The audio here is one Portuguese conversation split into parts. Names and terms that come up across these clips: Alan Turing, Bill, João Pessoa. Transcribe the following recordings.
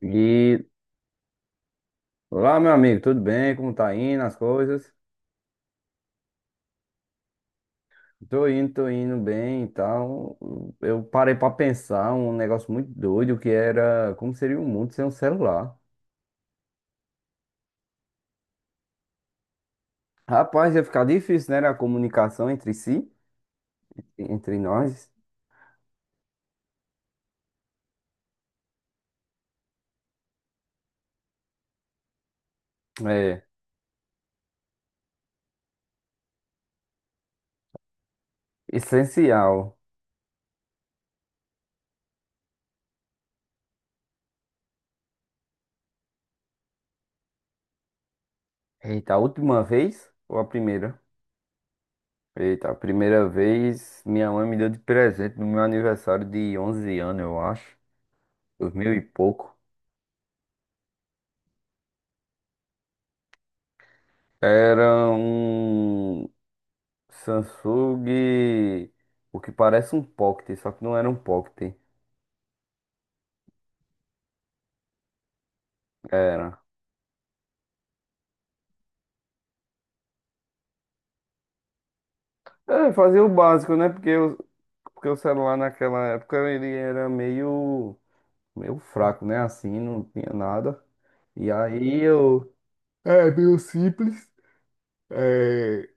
E olá, meu amigo, tudo bem? Como tá indo as coisas? Tô indo bem e tal. Eu parei pra pensar um negócio muito doido que era como seria o mundo sem um celular. Rapaz, ia ficar difícil, né? A comunicação entre si, entre nós. É essencial. Eita, a última vez ou a primeira? Eita, a primeira vez minha mãe me deu de presente no meu aniversário de 11 anos, eu acho. Dois mil e pouco. Era um Samsung, o que parece um Pocket, só que não era um Pocket. Era. É, fazia o básico, né? Porque o celular naquela época ele era meio fraco, né? Assim, não tinha nada. E aí eu. É, meio simples. É,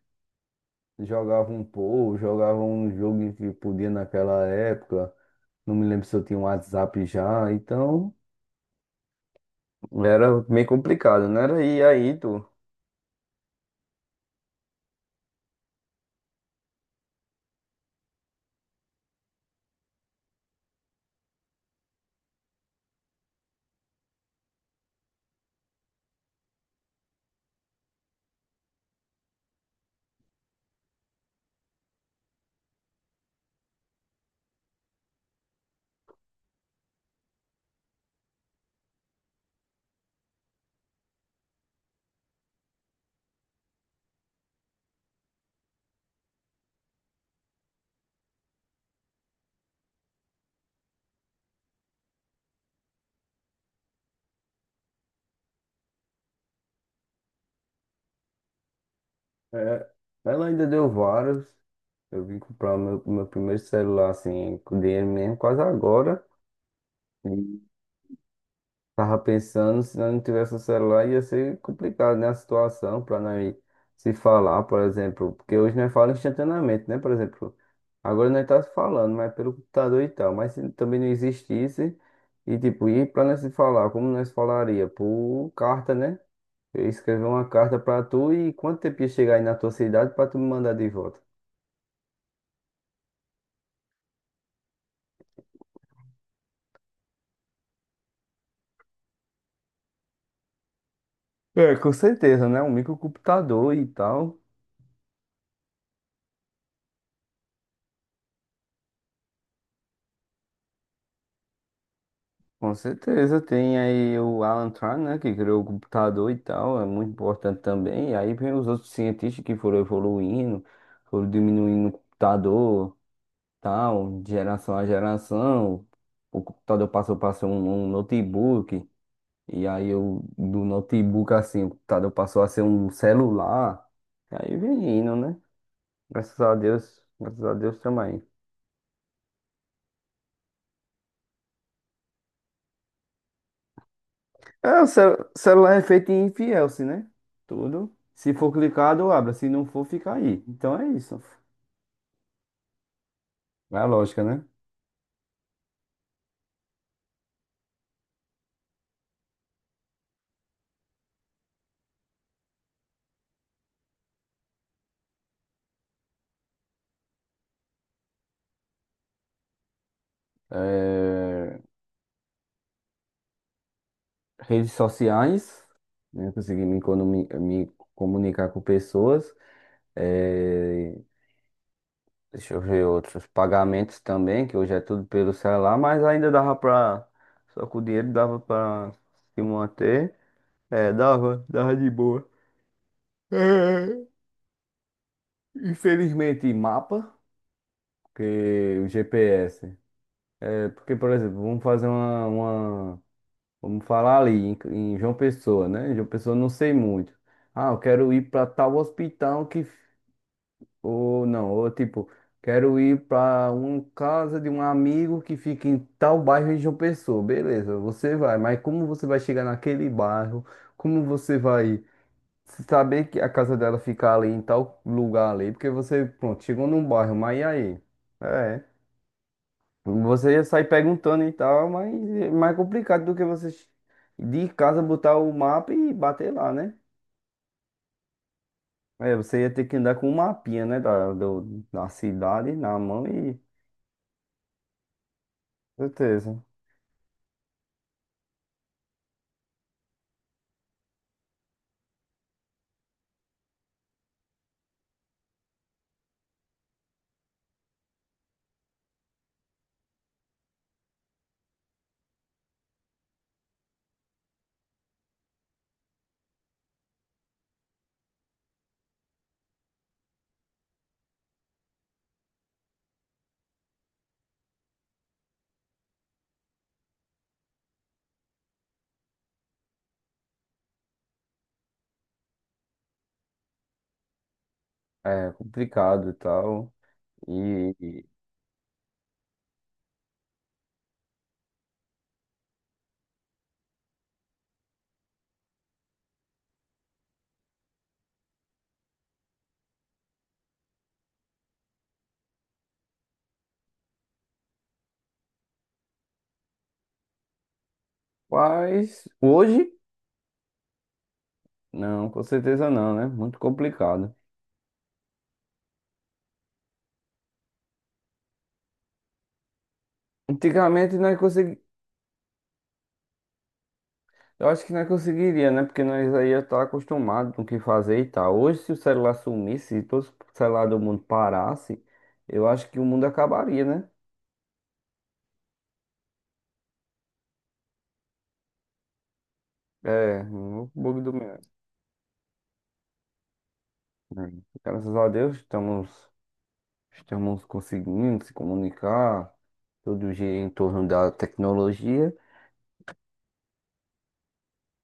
jogava um pouco, jogava um jogo que podia naquela época. Não me lembro se eu tinha um WhatsApp já, então era meio complicado, né? Era- E aí, tu. É, ela ainda deu vários. Eu vim comprar meu primeiro celular, assim, com dinheiro mesmo, quase agora. E tava pensando, se nós não tivesse o celular, ia ser complicado, né? A situação para nós se falar, por exemplo. Porque hoje nós falamos instantaneamente, né? Por exemplo, agora nós tá se falando, mas pelo computador e tal. Mas se também não existisse, e tipo, e para nós se falar, como nós falaria? Por carta, né? Eu ia escrever uma carta para tu e quanto tempo ia chegar aí na tua cidade para tu me mandar de volta? É, com certeza, né? Um microcomputador e tal. Com certeza. Tem aí o Alan Turing, né? Que criou o computador e tal. É muito importante também. E aí vem os outros cientistas que foram evoluindo, foram diminuindo o computador, tal, de geração a geração. O computador passou para ser um notebook. E aí eu, do notebook, assim, o computador passou a ser um celular. E aí vem indo, né? Graças a Deus. Graças a Deus também. É, o cel- celular é feito em Fielce, né? Tudo. Se for clicado, abre. Se não for, fica aí. Então é isso. É a lógica, né? É, redes sociais, né? Consegui me, economi- me comunicar com pessoas. É, deixa eu ver outros. Pagamentos também, que hoje é tudo pelo celular, mas ainda dava pra. Só com o dinheiro dava pra se manter. É, dava de boa. É, infelizmente, mapa. Que o GPS. É, porque, por exemplo, vamos fazer uma- vamos falar ali em João Pessoa, né? Em João Pessoa eu não sei muito. Ah, eu quero ir para tal hospital que f- ou não, ou tipo, quero ir para uma casa de um amigo que fica em tal bairro em João Pessoa. Beleza, você vai, mas como você vai chegar naquele bairro? Como você vai saber que a casa dela fica ali em tal lugar ali? Porque você, pronto, chegou num bairro, mas e aí? É. Você ia sair perguntando e tal, mas é mais complicado do que você de casa botar o mapa e bater lá, né? É, você ia ter que andar com um mapinha, né? Da, do- da cidade na mão e. Certeza. É complicado e tal. E. e- Mas hoje, não, com certeza não, né? Muito complicado. Antigamente nós conseguimos. Eu acho que não conseguiria, né? Porque nós aí ia estar acostumado com o que fazer e tal. Hoje, se o celular sumisse, se todo o celular do mundo parasse, eu acho que o mundo acabaria, né? É, um bug do meu. Graças a Deus, estamos conseguindo se comunicar, tudo gira em torno da tecnologia,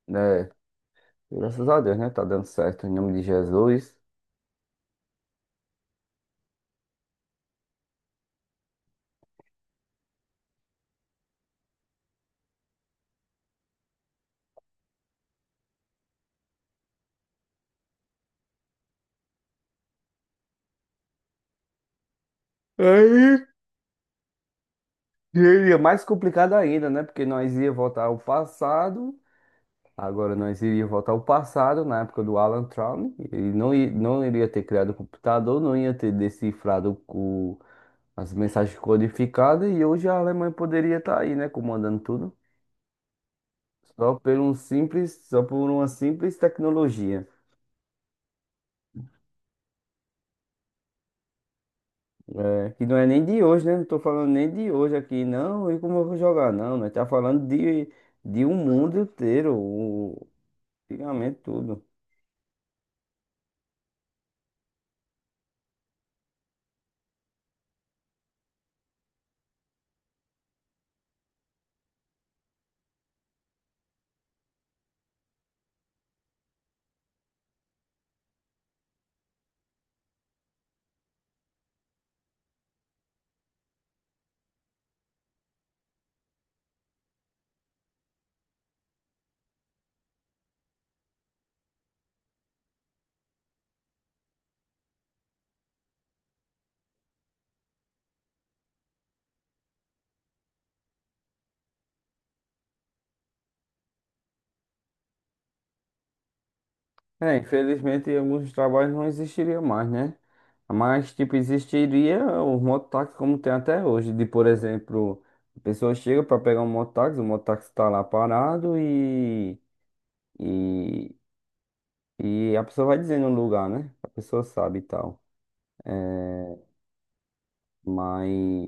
né? Graças a Deus, né? Tá dando certo, em nome de Jesus. Aí, e aí é mais complicado ainda, né? Porque nós ia voltar ao passado. Agora, nós iríamos voltar ao passado, na época do Alan Turing, ele não, i- não iria ter criado o computador, não ia ter decifrado o- as mensagens codificadas, e hoje a Alemanha poderia estar aí, né, comandando tudo, só por um simples, só por uma simples tecnologia, é, que não é nem de hoje, né, não estou falando nem de hoje aqui, não, e como eu vou jogar, não, nós estamos falando de um mundo inteiro, o, antigamente tudo. É, infelizmente alguns trabalhos não existiriam mais, né? Mas, tipo, existiria o mototáxi como tem até hoje. De, por exemplo, a pessoa chega para pegar um mototáxi, o mototáxi tá lá parado e, e, e a pessoa vai dizendo o lugar, né? A pessoa sabe e tal. É, mas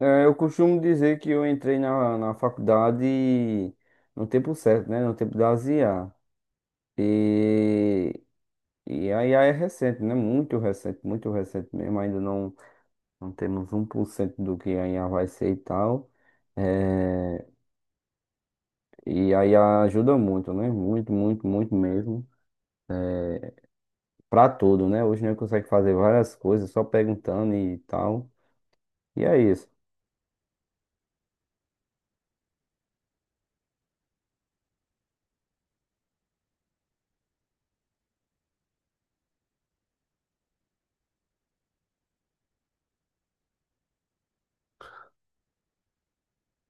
é, eu costumo dizer que eu entrei na faculdade no tempo certo, né? No tempo da ZIA. E E aí é recente, né? Muito recente mesmo. Ainda não temos 1% do que a IA vai ser e tal. É, e aí ajuda muito, né? Muito, muito, muito mesmo. É, pra tudo, né? Hoje nós consegue fazer várias coisas só perguntando e tal. E é isso.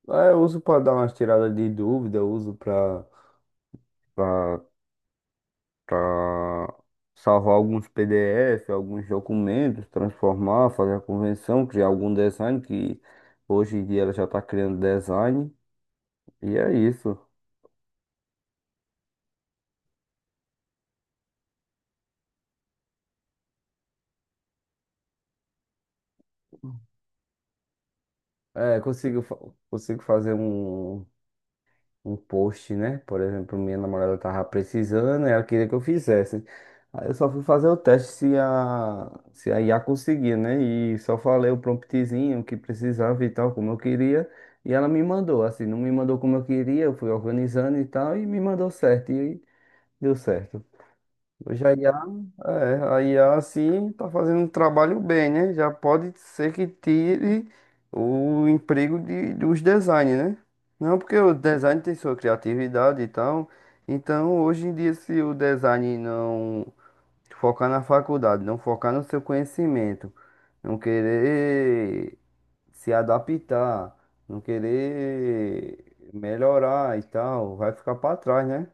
É, eu uso para dar umas tiradas de dúvida, eu uso para salvar alguns PDF, alguns documentos, transformar, fazer a convenção, criar algum design, que hoje em dia ela já está criando design. E é isso. É, consigo, fa- consigo fazer um. Um post, né? Por exemplo, minha namorada tava precisando, ela queria que eu fizesse. Aí eu só fui fazer o teste se a, IA conseguia, né? E só falei o promptzinho que precisava e tal, como eu queria. E ela me mandou, assim, não me mandou como eu queria, eu fui organizando e tal, e me mandou certo, e deu certo. Hoje a IA, a IA assim tá fazendo um trabalho bem, né? Já pode ser que tire o emprego dos designers, né? Não, porque o design tem sua criatividade e tal. Então, hoje em dia, se o design não focar na faculdade, não focar no seu conhecimento, não querer se adaptar, não querer melhorar e tal, vai ficar para trás, né?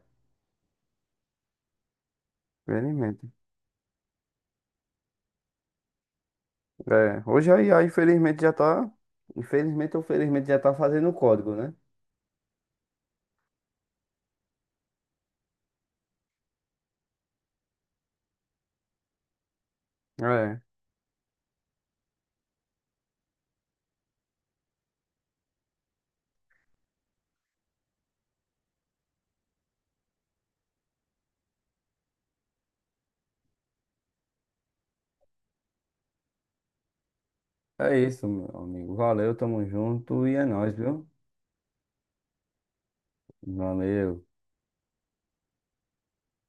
Infelizmente. É, hoje a IA, infelizmente, já tá. Infelizmente ou felizmente já tá fazendo o código, né? É. É isso, meu amigo. Valeu, tamo junto e é nóis, viu? Valeu.